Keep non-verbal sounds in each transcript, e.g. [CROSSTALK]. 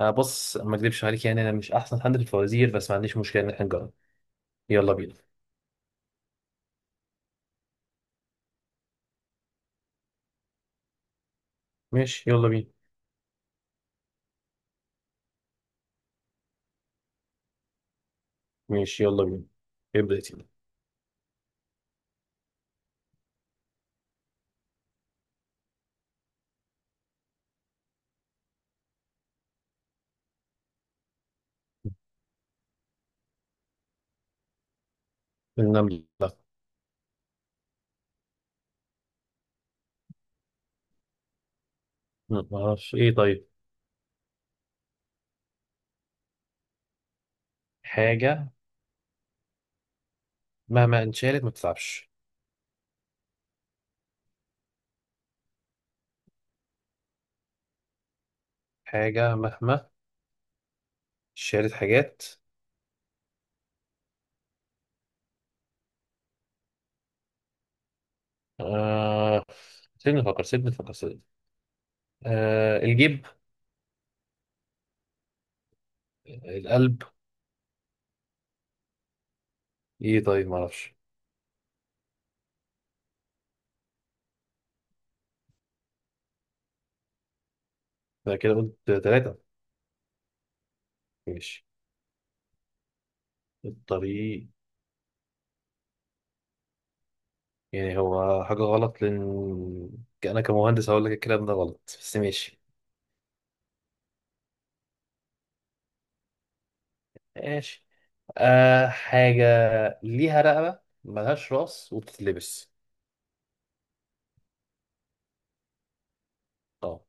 آه، بص، ما اكذبش عليك، يعني انا مش احسن حد في الفوازير، بس ما عنديش مشكله ان احنا نجرب. يلا بينا. ماشي يلا بينا. ماشي يلا بينا. ابدا يلا. النمله. ما اعرفش، ايه طيب؟ حاجه مهما انشالت ما بتتعبش. حاجه مهما شالت حاجات. آه، سيبني آه، الجيب. القلب. ايه طيب، ما اعرفش. ده كده قلت ثلاثه. ماشي. الطريق. يعني هو حاجة غلط، لأن أنا كمهندس هقول لك الكلام ده غلط، بس ماشي. ماشي. آه، حاجة ليها رقبة ملهاش رأس وبتتلبس. اه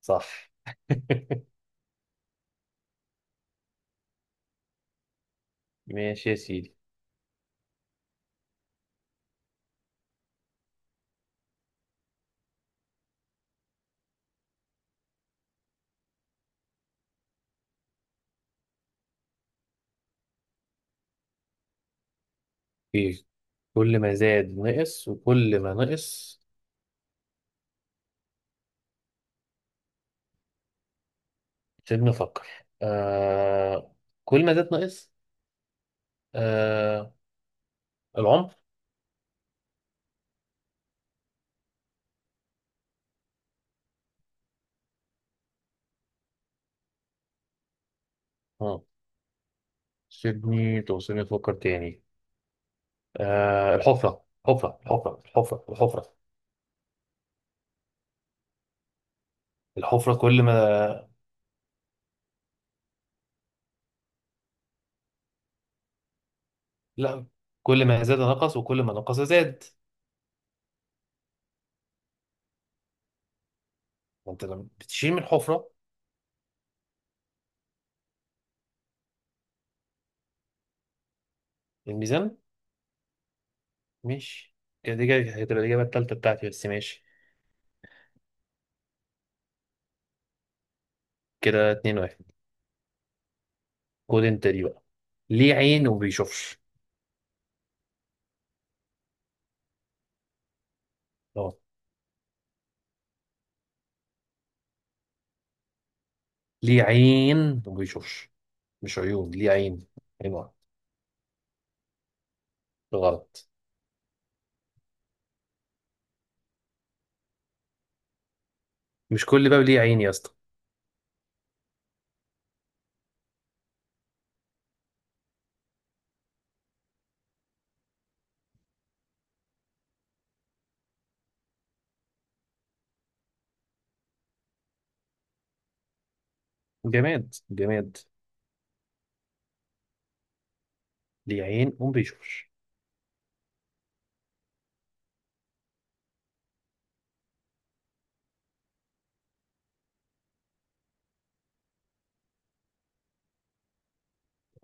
صح. [LAUGHS] ماشي يا سيدي. إيه؟ كل ما زاد نقص وكل ما نقص. سيبني أفكر. آه، كل ما زاد نقص. آه، العمر. اه، سيبني توصلني أفكر تاني. آه، الحفرة. حفرة الحفرة الحفرة كل ما. لا، كل ما زاد نقص وكل ما نقص زاد. ما انت لما بتشيل من الحفرة. الميزان. ماشي. كده دي كده هتبقى الإجابة التالتة بتاعتي، بس ماشي. كده اتنين واحد. خد انت دي بقى. ليه عين وما بيشوفش؟ اه، ليه عين وما بيشوفش. مش عيون، ليه عين. عين واحد. غلط. مش كل باب ليه عين يا اسطى؟ جماد جماد. ليه عين وما بيشوفش.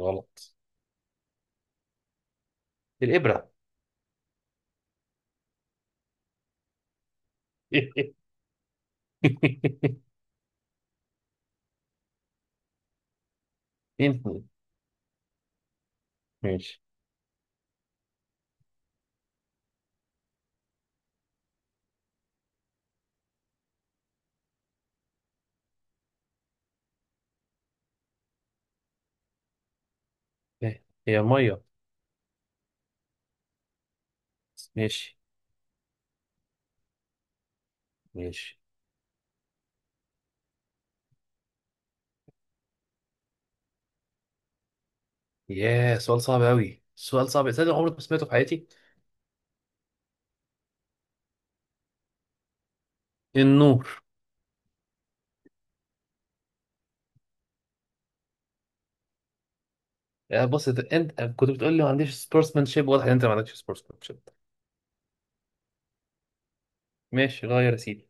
غلط. الإبرة. [LAUGHS] اتنين. ماشي. إيه، هي المية. ماشي. ماشي. ياه، سؤال صعب أوي، سؤال صعب، صدق عمري ما سمعته في حياتي. النور. آه، بص، أنت كنت بتقول لي ما عنديش سبورتسمانشيب، واضح إن أنت ما عندكش سبورتسمانشيب. ماشي، غير يا سيدي.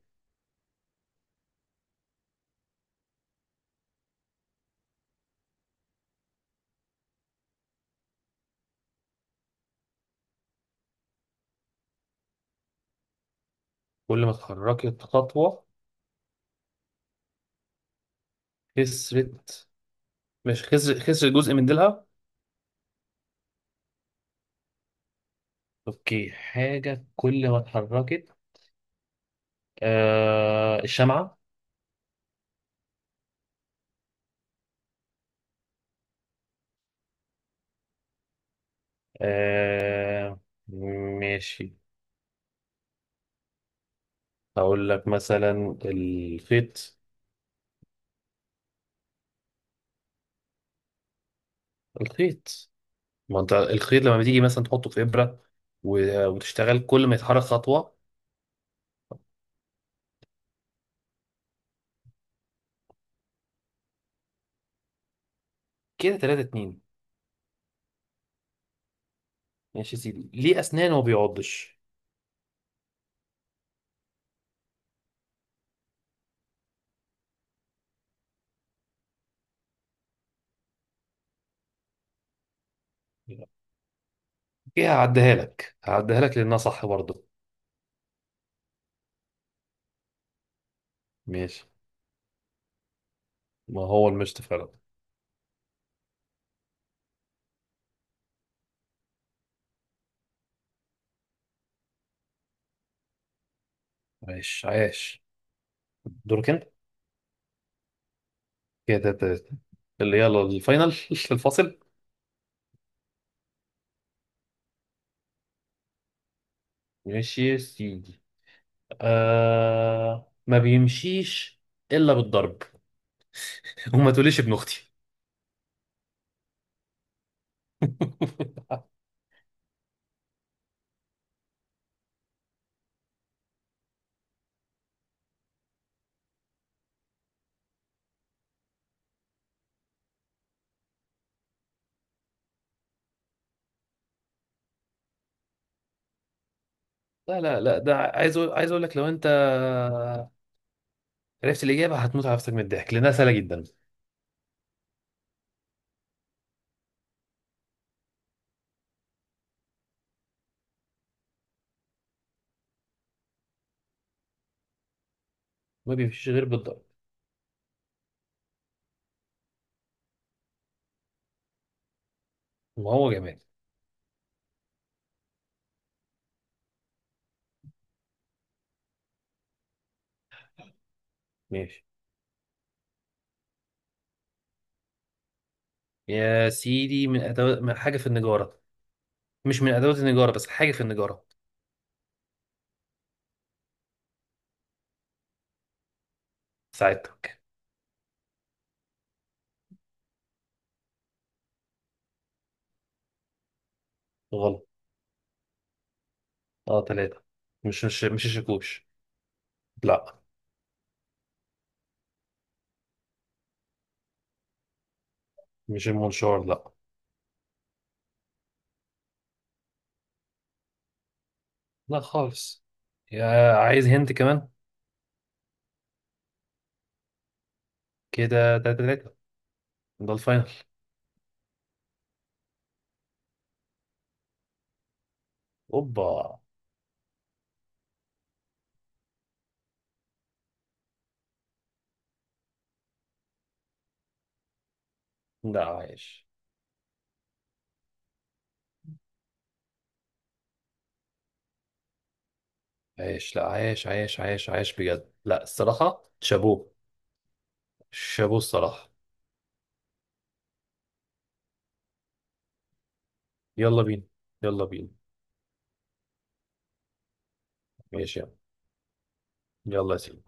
كل ما اتحركت خطوة. خسرت. مش خسر، خسر جزء من ديلها. أوكي. حاجة كل ما اتحركت. آه، الشمعة. آه. ماشي. هقول لك مثلا الخيط. الخيط. ما انت الخيط لما بتيجي مثلا تحطه في ابره وتشتغل كل ما يتحرك خطوه. كده 3 2. ماشي يا سيدي. ليه اسنان وما بيعضش؟ ايه، هعديها لك، هعديها لك لانها صح برضه. ماشي. ما هو المشط فعلا. عايش، عايش. دورك انت. كده تلاتة تلاتة. اللي يلا الفاينل. [LAUGHS] الفاصل. ماشي يا سيدي. آه، ما بيمشيش الا بالضرب. [LAUGHS] وما تقوليش ابن اختي. [LAUGHS] لا، ده عايز عايز اقول لك، لو انت عرفت الإجابة هتموت على نفسك من الضحك لأنها سهلة جدا. ما بيمشيش غير بالضرب. وهو جمال. ماشي يا سيدي، من أدوات، من حاجة في النجارة. مش من أدوات النجارة، بس حاجة في النجارة. ساعدتك. غلط. اه تلاتة. مش الشاكوش، لا. مش المنشار، لا. لا خالص. يا عايز هنت كمان. كده تلاتة تلاتة. ده الفاينل. اوبا. لا عايش، عايش بجد، لا، الصراحة شابوه. شابوه الصراحة. يلا بينا. يلا بينا. ماشي يلا. يلا يا سيدي.